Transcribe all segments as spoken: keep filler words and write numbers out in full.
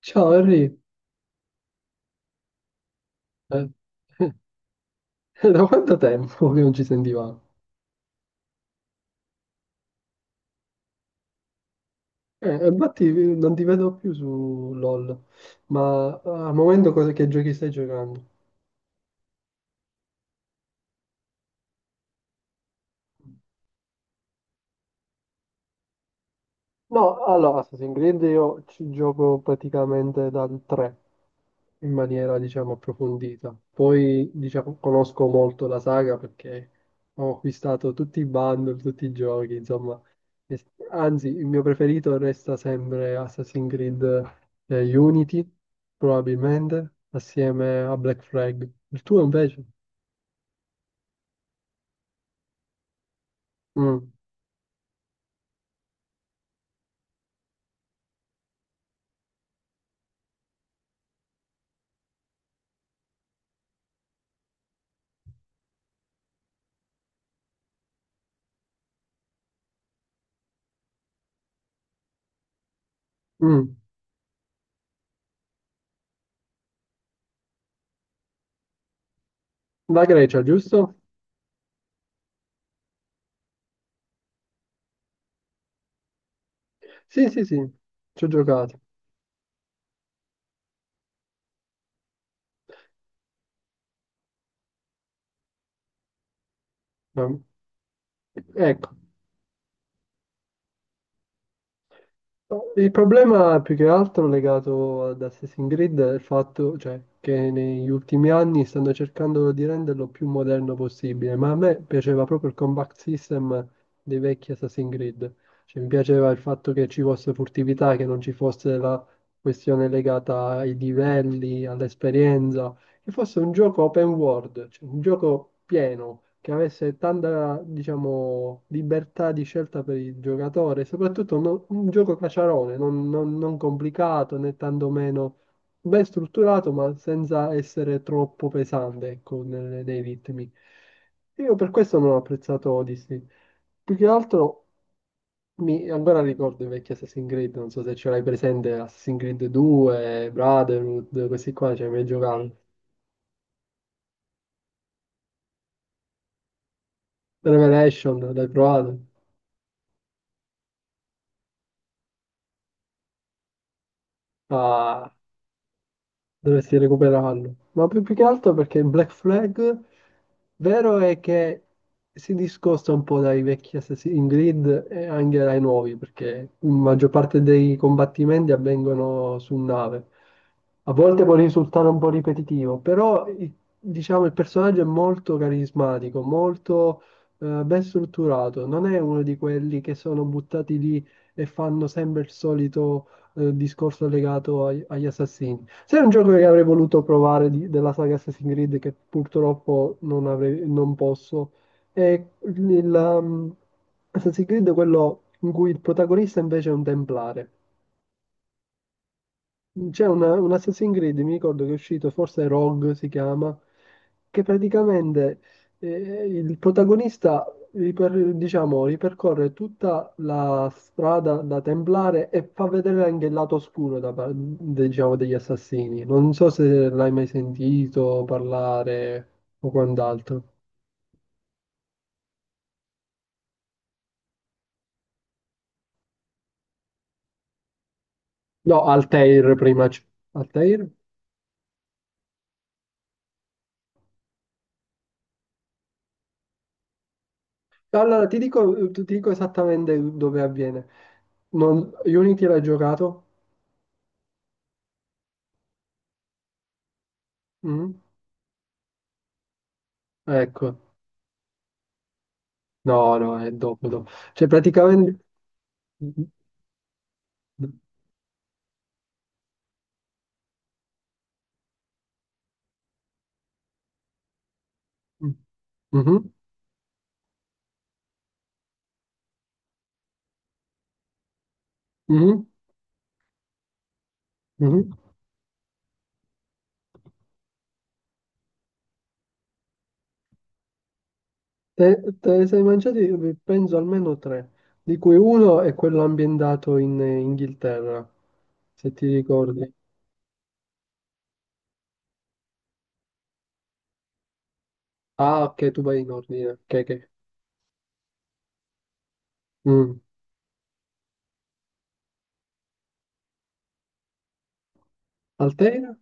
Ciao Henry. Eh. Da quanto tempo che non ci sentivamo? Eh, infatti eh, non ti vedo più su LOL, ma eh, al momento cosa, che giochi stai giocando? No, allora, Assassin's Creed io ci gioco praticamente dal tre. In maniera, diciamo, approfondita. Poi, diciamo, conosco molto la saga perché ho acquistato tutti i bundle, tutti i giochi, insomma. E- Anzi, il mio preferito resta sempre Assassin's Creed eh, Unity, probabilmente, assieme a Black Flag. Il tuo invece? Mm, mm. La Grecia, giusto? Sì, sì, sì, ci ho giocato. Ma- Ecco, il problema è più che altro legato ad Assassin's Creed è il fatto, cioè, che negli ultimi anni stanno cercando di renderlo più moderno possibile, ma a me piaceva proprio il combat system dei vecchi Assassin's Creed. Cioè, mi piaceva il fatto che ci fosse furtività, che non ci fosse la questione legata ai livelli, all'esperienza, che fosse un gioco open world, cioè un gioco pieno, che avesse tanta, diciamo, libertà di scelta per il giocatore, soprattutto no- un gioco caciarone, non, non- non complicato né tantomeno ben strutturato, ma senza essere troppo pesante, ecco, nelle- nei ritmi. Io per questo non ho apprezzato Odyssey. Più che altro mi ancora ricordo i vecchi Assassin's Creed, non so se ce l'hai presente, Assassin's Creed due, Brotherhood, questi qua, cioè mi hai giocato. Revelation, l'hai provato? Ah, dovresti recuperarlo. Ma più, più che altro perché Black Flag, vero è che si discosta un po' dai vecchi Assassin's Creed e anche dai nuovi, perché la maggior parte dei combattimenti avvengono su nave. A volte può risultare un po' ripetitivo, però i- diciamo il personaggio è molto carismatico, molto eh, ben strutturato. Non è uno di quelli che sono buttati lì e fanno sempre il solito eh, discorso legato ai- agli assassini. Sai un gioco che avrei voluto provare di- della saga Assassin's Creed che purtroppo non, avrei- non posso? È il, um, Assassin's Creed quello in cui il protagonista invece è un templare. C'è una- un Assassin's Creed, mi ricordo che è uscito, forse Rogue si chiama, che praticamente eh, il protagonista riper- diciamo, ripercorre tutta la strada da Templare e fa vedere anche il lato oscuro da par- diciamo, degli assassini. Non so se l'hai mai sentito parlare o quant'altro. No, Altair prima. c- Altair? Allora, ti dico, ti dico esattamente dove avviene. Non- Unity l'hai giocato? Mm? Ecco, no, no, è dopo, dopo. Cioè, praticamente. Mhm, mhm, mhm. Te, te ne sei mangiati, penso, almeno tre, di cui uno è quello ambientato in Inghilterra, se ti ricordi. Ah, ok, tu vai in ordine. Ok, ok. Mm. Altera?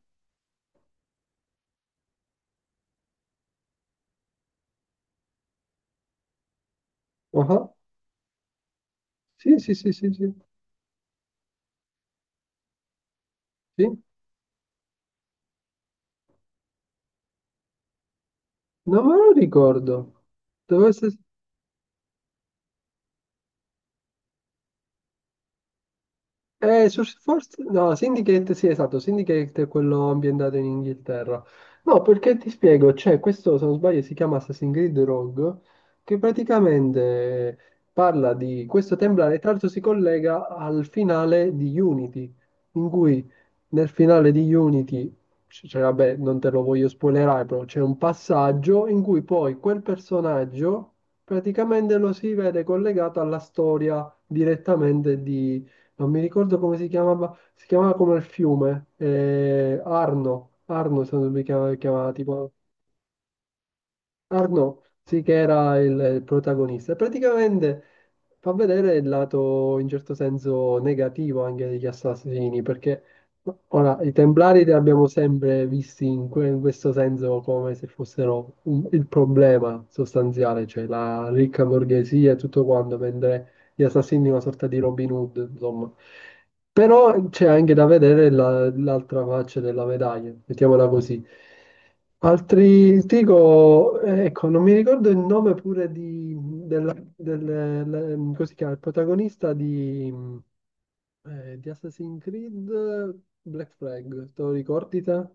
Ah, sì, sì, sì, sì, sì. Sì? Non me lo ricordo. Dove sei? Eh, Social Force? No, Syndicate, sì, esatto, Syndicate è quello ambientato in Inghilterra. No, perché ti spiego, c'è questo, se non sbaglio, si chiama Assassin's Creed Rogue, che praticamente parla di questo templare, tra l'altro si collega al finale di Unity, in cui nel finale di Unity, c- cioè, vabbè, non te lo voglio spoilerare, però c'è un passaggio in cui poi quel personaggio praticamente lo si vede collegato alla storia direttamente non mi ricordo come si chiamava, si chiamava come il fiume, eh, Arno, Arno se non mi chiama- chiamava, tipo, Arno, sì che era il, il protagonista. E praticamente fa vedere il lato in certo senso negativo anche degli assassini, perché ora i Templari li abbiamo sempre visti in, que- in questo senso come se fossero un- il problema sostanziale, cioè la ricca borghesia e tutto quanto, mentre gli assassini una sorta di Robin Hood, insomma. Però c'è anche da vedere la- l'altra faccia della medaglia, mettiamola così. Altri, ti dico, eh, ecco, non mi ricordo il nome pure di, della, del, le- come si chiama, il protagonista di, eh, di Assassin's Creed Black Flag, te lo ricordi te?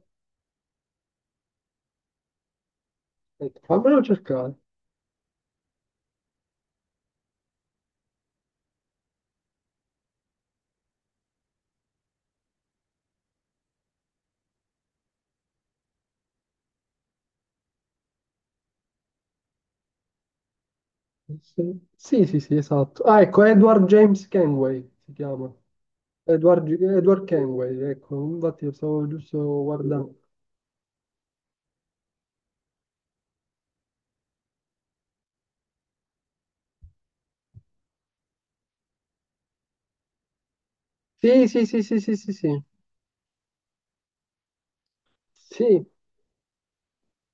Aspetta, fammelo cercare. Sì, sì, sì, esatto. Ah, ecco, Edward James Kenway si chiama. Edward, Edward Kenway, ecco, infatti lo stavo giusto guardando. Sì, sì, sì, sì, sì, sì, sì. Sì.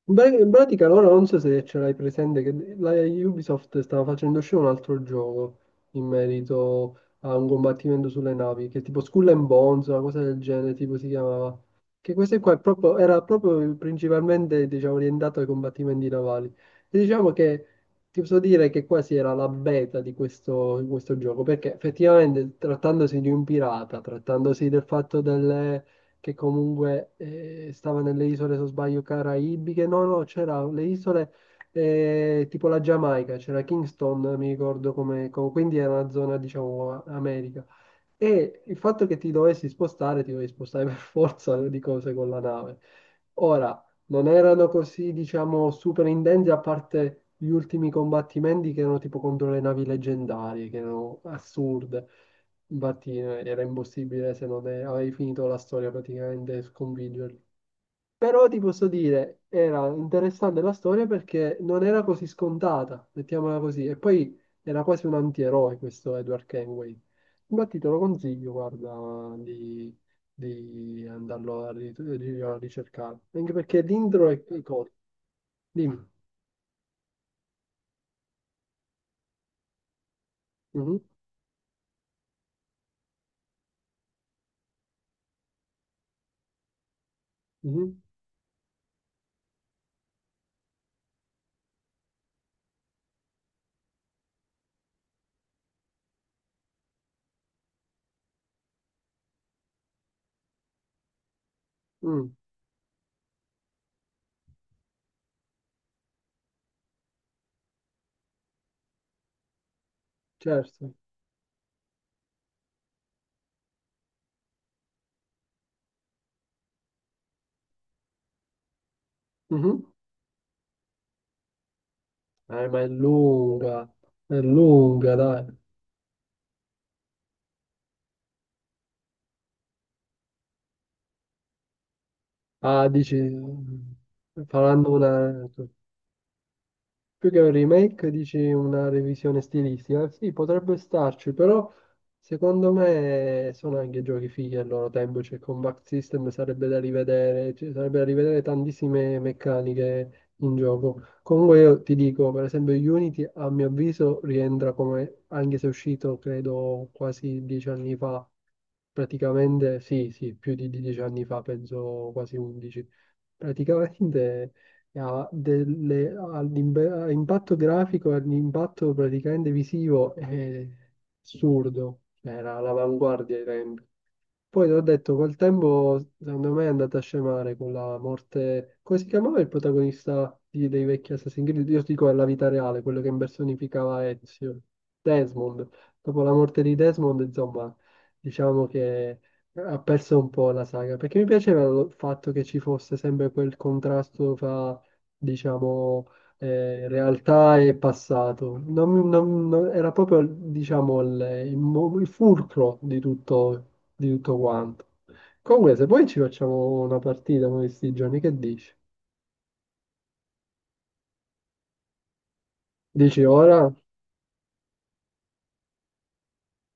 In pra- in pratica loro non so se ce l'hai presente, che la Ubisoft stava facendo uscire un altro gioco in merito a un combattimento sulle navi, che è tipo Skull and Bones, una cosa del genere, tipo si chiamava. Che questo qua è proprio- era proprio principalmente, diciamo, orientato ai combattimenti navali. E diciamo che ti posso dire che quasi era la beta di questo, di questo gioco, perché effettivamente trattandosi di un pirata, trattandosi del fatto delle che comunque eh, stava nelle isole, se non sbaglio, caraibiche. No, no, c'era le isole eh, tipo la Giamaica, c'era Kingston, mi ricordo come, co- quindi era una zona, diciamo, a- America. E il fatto che ti dovessi spostare, ti dovevi spostare per forza di cose con la nave. Ora, non erano così, diciamo, super intensi, a parte gli ultimi combattimenti che erano tipo contro le navi leggendarie, che erano assurde. Infatti eh, era impossibile se non eh, avevi finito la storia praticamente sconfiggerli. Però ti posso dire, era interessante la storia perché non era così scontata, mettiamola così. E poi era quasi un antieroe questo Edward Kenway. Infatti te lo consiglio, guarda, di, di andarlo a, ri- di- a ricercare. Anche perché l'intro è è corto. Dimmi. Mhm, mhm, mm, certo. Mhm. Eh, ma è lunga, è lunga, dai. Ah, dici, faranno una. Più che un remake, dici una revisione stilistica? Sì, potrebbe starci, però secondo me sono anche giochi fighi al loro tempo, cioè Combat System sarebbe da rivedere, ci sarebbe da rivedere tantissime meccaniche in gioco. Comunque io ti dico, per esempio Unity a mio avviso rientra come, anche se è uscito credo quasi dieci anni fa, praticamente sì, sì, più di dieci anni fa, penso quasi undici. Praticamente ha delle- ha l'imbe- ha impatto grafico e l'impatto praticamente visivo è assurdo, era all'avanguardia ai tempi. Poi l'ho detto, col tempo secondo me è andata a scemare con la morte. Come si chiamava il protagonista di- dei vecchi Assassin's Creed? Io dico alla vita reale, quello che impersonificava Ezio, Desmond. Dopo la morte di Desmond, insomma, diciamo che ha perso un po' la saga. Perché mi piaceva il fatto che ci fosse sempre quel contrasto fra, diciamo, eh, realtà e passato. Non- non- non- era proprio, diciamo, il, il mo- il fulcro di tutto di tutto quanto. Comunque, se poi ci facciamo una partita con questi giorni, che dici? Dici ora?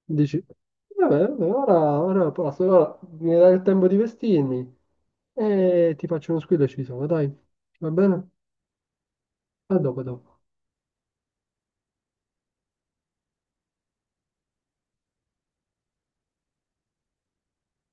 Dici, vabbè, vabbè, ora, ora posso, ora mi dai il tempo di vestirmi e ti faccio uno squillo e ci sono, dai, va bene? A dopo, a dopo.